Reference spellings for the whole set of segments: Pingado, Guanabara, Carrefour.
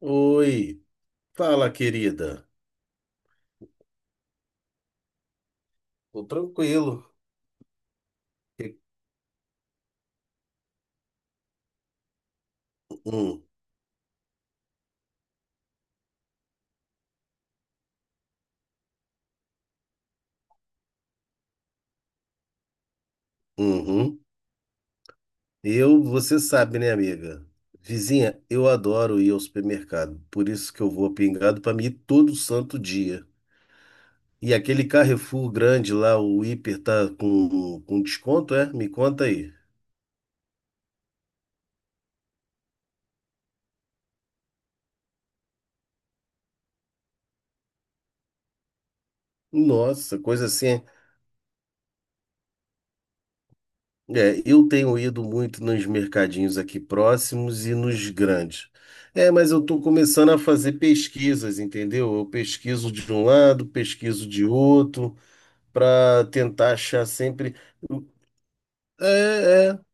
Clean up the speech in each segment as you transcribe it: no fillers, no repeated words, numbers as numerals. Oi, fala, querida. Tô tranquilo. Que- Hum, uhum. Eu, você sabe, né, amiga? Vizinha, eu adoro ir ao supermercado, por isso que eu vou a Pingado para mim ir todo santo dia. E aquele Carrefour grande lá, o hiper tá com desconto, é? Me conta aí. Nossa, coisa assim. É, eu tenho ido muito nos mercadinhos aqui próximos e nos grandes. É, mas eu estou começando a fazer pesquisas, entendeu? Eu pesquiso de um lado, pesquiso de outro, para tentar achar sempre. É, é,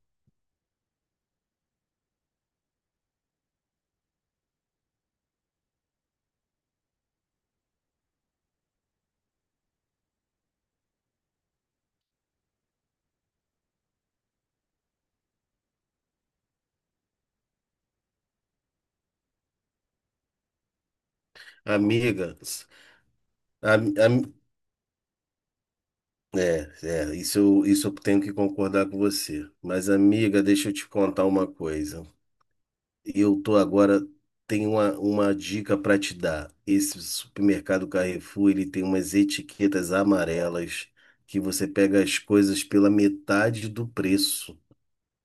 amiga. am- am- É, é, isso eu tenho que concordar com você. Mas, amiga, deixa eu te contar uma coisa. Eu tô agora, tem uma dica para te dar. Esse supermercado Carrefour, ele tem umas etiquetas amarelas que você pega as coisas pela metade do preço.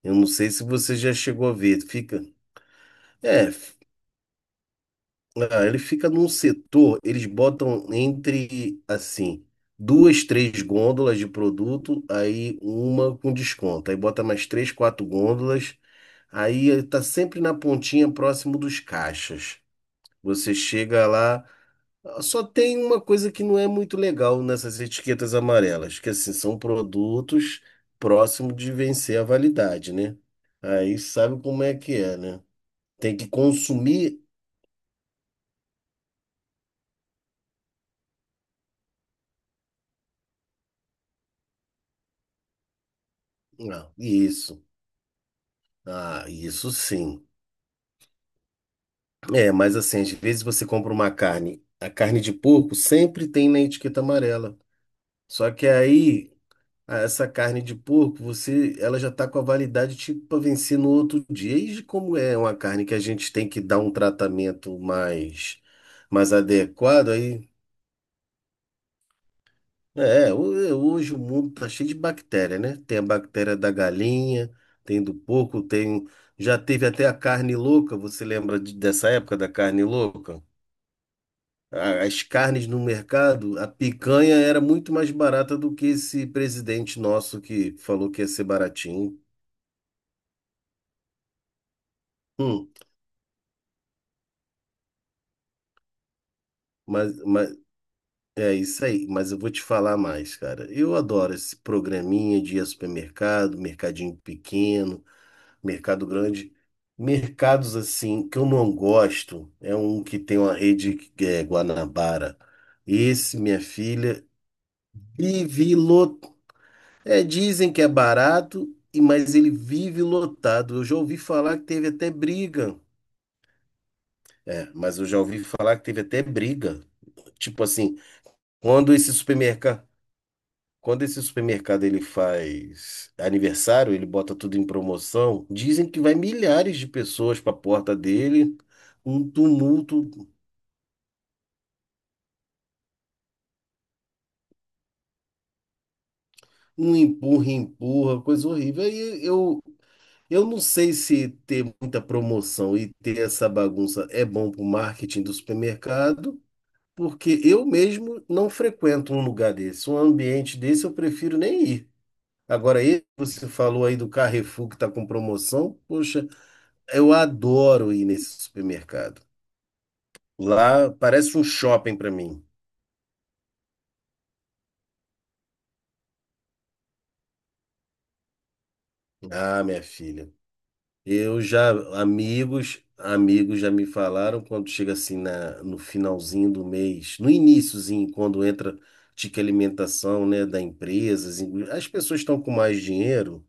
Eu não sei se você já chegou a ver. Fica, é, f- ah, Ele fica num setor, eles botam entre assim, duas, três gôndolas de produto, aí uma com desconto. Aí bota mais três, quatro gôndolas, aí ele tá sempre na pontinha próximo dos caixas. Você chega lá, ah, só tem uma coisa que não é muito legal nessas etiquetas amarelas, que assim, são produtos próximos de vencer a validade, né? Aí sabe como é que é, né? Tem que consumir. Ah, isso. Ah, isso sim. É, mas assim, às vezes você compra uma carne, a carne de porco sempre tem na etiqueta amarela. Só que aí. Ah, essa carne de porco, você, ela já está com a validade tipo para vencer no outro dia. E como é uma carne que a gente tem que dar um tratamento mais adequado, aí é, ho- hoje o mundo tá cheio de bactéria, né? Tem a bactéria da galinha, tem do porco, tem já teve até a carne louca. Você lembra dessa época da carne louca? As carnes no mercado, a picanha era muito mais barata do que esse presidente nosso que falou que ia ser baratinho. Hum. Mas é isso aí, mas eu vou te falar mais, cara. Eu adoro esse programinha de ir ao supermercado, mercadinho pequeno, mercado grande. Mercados assim que eu não gosto é um que tem uma rede que é Guanabara. Esse, minha filha, vive lotado. É, dizem que é barato, mas ele vive lotado. Eu já ouvi falar que teve até briga. É, mas eu já ouvi falar que teve até briga. Tipo assim, quando esse supermercado. Quando esse supermercado ele faz aniversário, ele bota tudo em promoção, dizem que vai milhares de pessoas para a porta dele, um tumulto, um empurra, empurra, coisa horrível. Aí eu não sei se ter muita promoção e ter essa bagunça é bom para o marketing do supermercado, porque eu mesmo não frequento um lugar desse, um ambiente desse eu prefiro nem ir. Agora, esse que você falou aí do Carrefour que está com promoção, poxa. Eu adoro ir nesse supermercado. Lá parece um shopping para mim. Ah, minha filha. Eu já, amigos, já me falaram quando chega assim no finalzinho do mês, no iniciozinho, quando entra tique alimentação, né, da empresa, assim, as pessoas estão com mais dinheiro,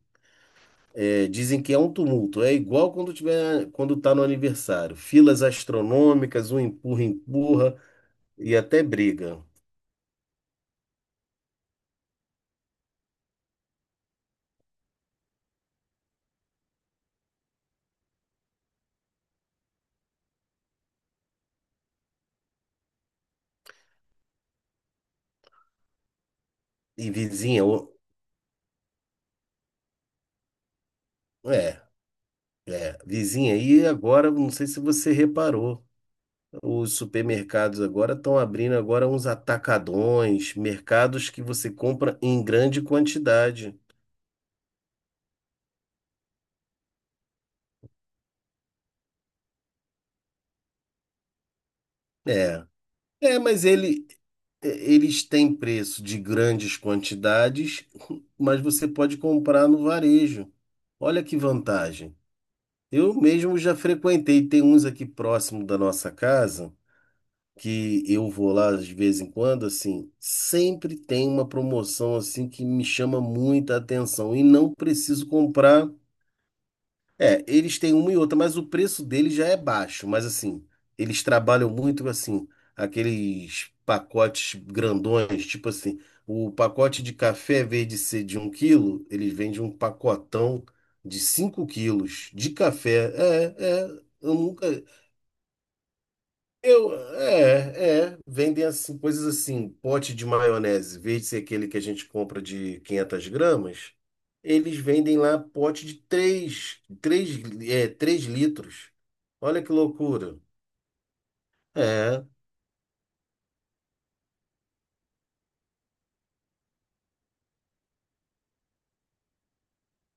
é, dizem que é um tumulto. É igual quando tá no aniversário. Filas astronômicas, um empurra, empurra e até briga. E vizinha. É. É, vizinha, e agora, não sei se você reparou, os supermercados agora estão abrindo agora uns atacadões, mercados que você compra em grande quantidade. É, é, eles têm preço de grandes quantidades, mas você pode comprar no varejo. Olha que vantagem. Eu mesmo já frequentei, tem uns aqui próximo da nossa casa que eu vou lá de vez em quando, assim, sempre tem uma promoção assim que me chama muita atenção e não preciso comprar. É, eles têm uma e outra, mas o preço deles já é baixo, mas assim, eles trabalham muito assim, aqueles pacotes grandões, tipo assim, o pacote de café, em vez de ser de um quilo, eles vendem um pacotão de 5 quilos de café. É, é, eu nunca. Vendem assim, coisas assim, pote de maionese, em vez de ser aquele que a gente compra de 500 gramas, eles vendem lá pote de 3 litros. Olha que loucura. É,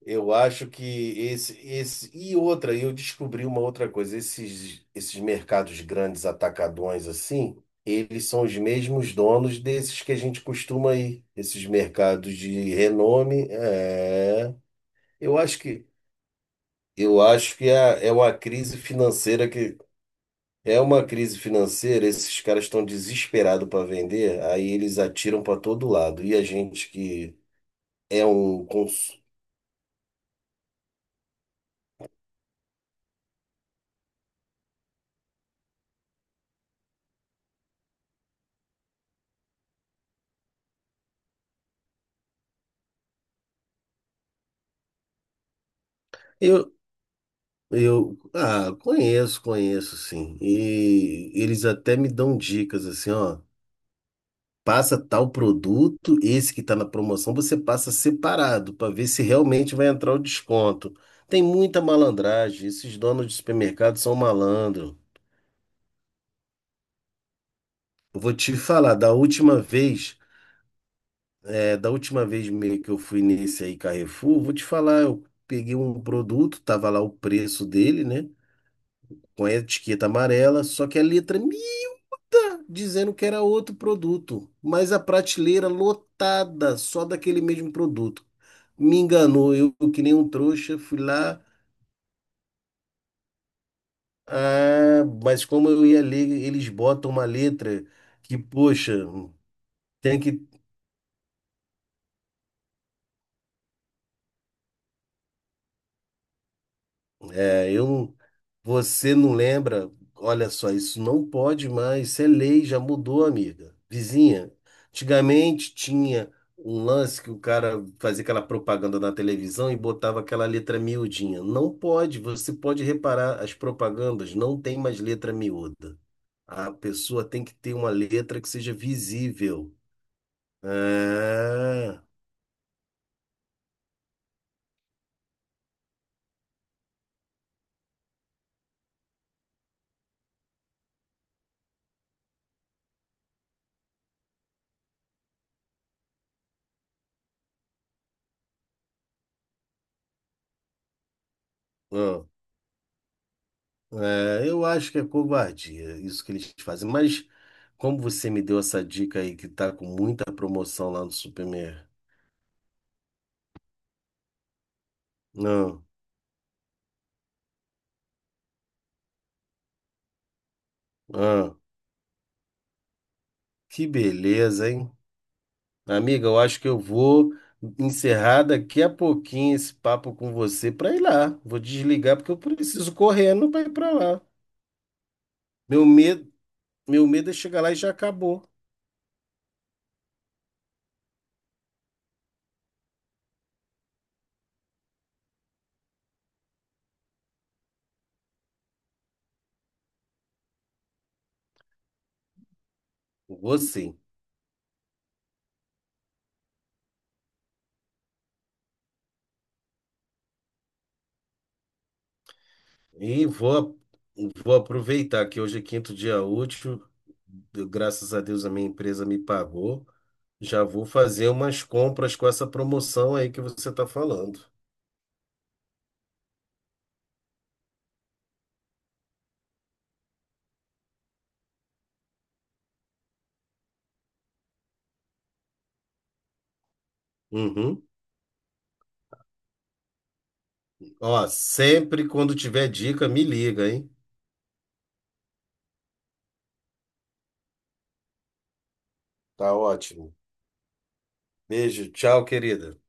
eu acho que e outra, eu descobri uma outra coisa, esses mercados grandes atacadões assim, eles são os mesmos donos desses que a gente costuma ir, esses mercados de renome, é. Eu acho que eu acho que é, é uma crise financeira que é uma crise financeira, esses caras estão desesperados para vender, aí eles atiram para todo lado. E a gente que é um. eu eu ah, conheço, conheço sim. E eles até me dão dicas assim, ó, passa tal produto, esse que está na promoção, você passa separado para ver se realmente vai entrar o desconto. Tem muita malandragem, esses donos de supermercado são malandros. Vou te falar, da última vez meio que eu fui nesse aí Carrefour, vou te falar, eu peguei um produto, tava lá o preço dele, né? Com a etiqueta amarela, só que a letra mita dizendo que era outro produto, mas a prateleira lotada só daquele mesmo produto. Me enganou, eu que nem um trouxa, fui lá, ah, mas como eu ia ler, eles botam uma letra que, poxa, tem que É, Eu, não- você não lembra? Olha só, isso não pode mais, isso é lei, já mudou, amiga. Vizinha, antigamente tinha um lance que o cara fazia aquela propaganda na televisão e botava aquela letra miudinha. Não pode, você pode reparar, as propagandas não tem mais letra miúda. A pessoa tem que ter uma letra que seja visível. É. Ah. É, eu acho que é covardia isso que eles fazem. Mas como você me deu essa dica aí que tá com muita promoção lá no Supermercado? Ah, que beleza, hein? Amiga, eu acho que eu vou encerrar daqui a pouquinho esse papo com você para ir lá. Vou desligar porque eu preciso correndo para ir para lá. Meu medo, meu medo é chegar lá e já acabou. Vou sim. E vou, a- Vou aproveitar que hoje é quinto dia útil, graças a Deus a minha empresa me pagou. Já vou fazer umas compras com essa promoção aí que você está falando. Uhum. Ó, sempre quando tiver dica, me liga, hein? Tá ótimo. Beijo, tchau, querida.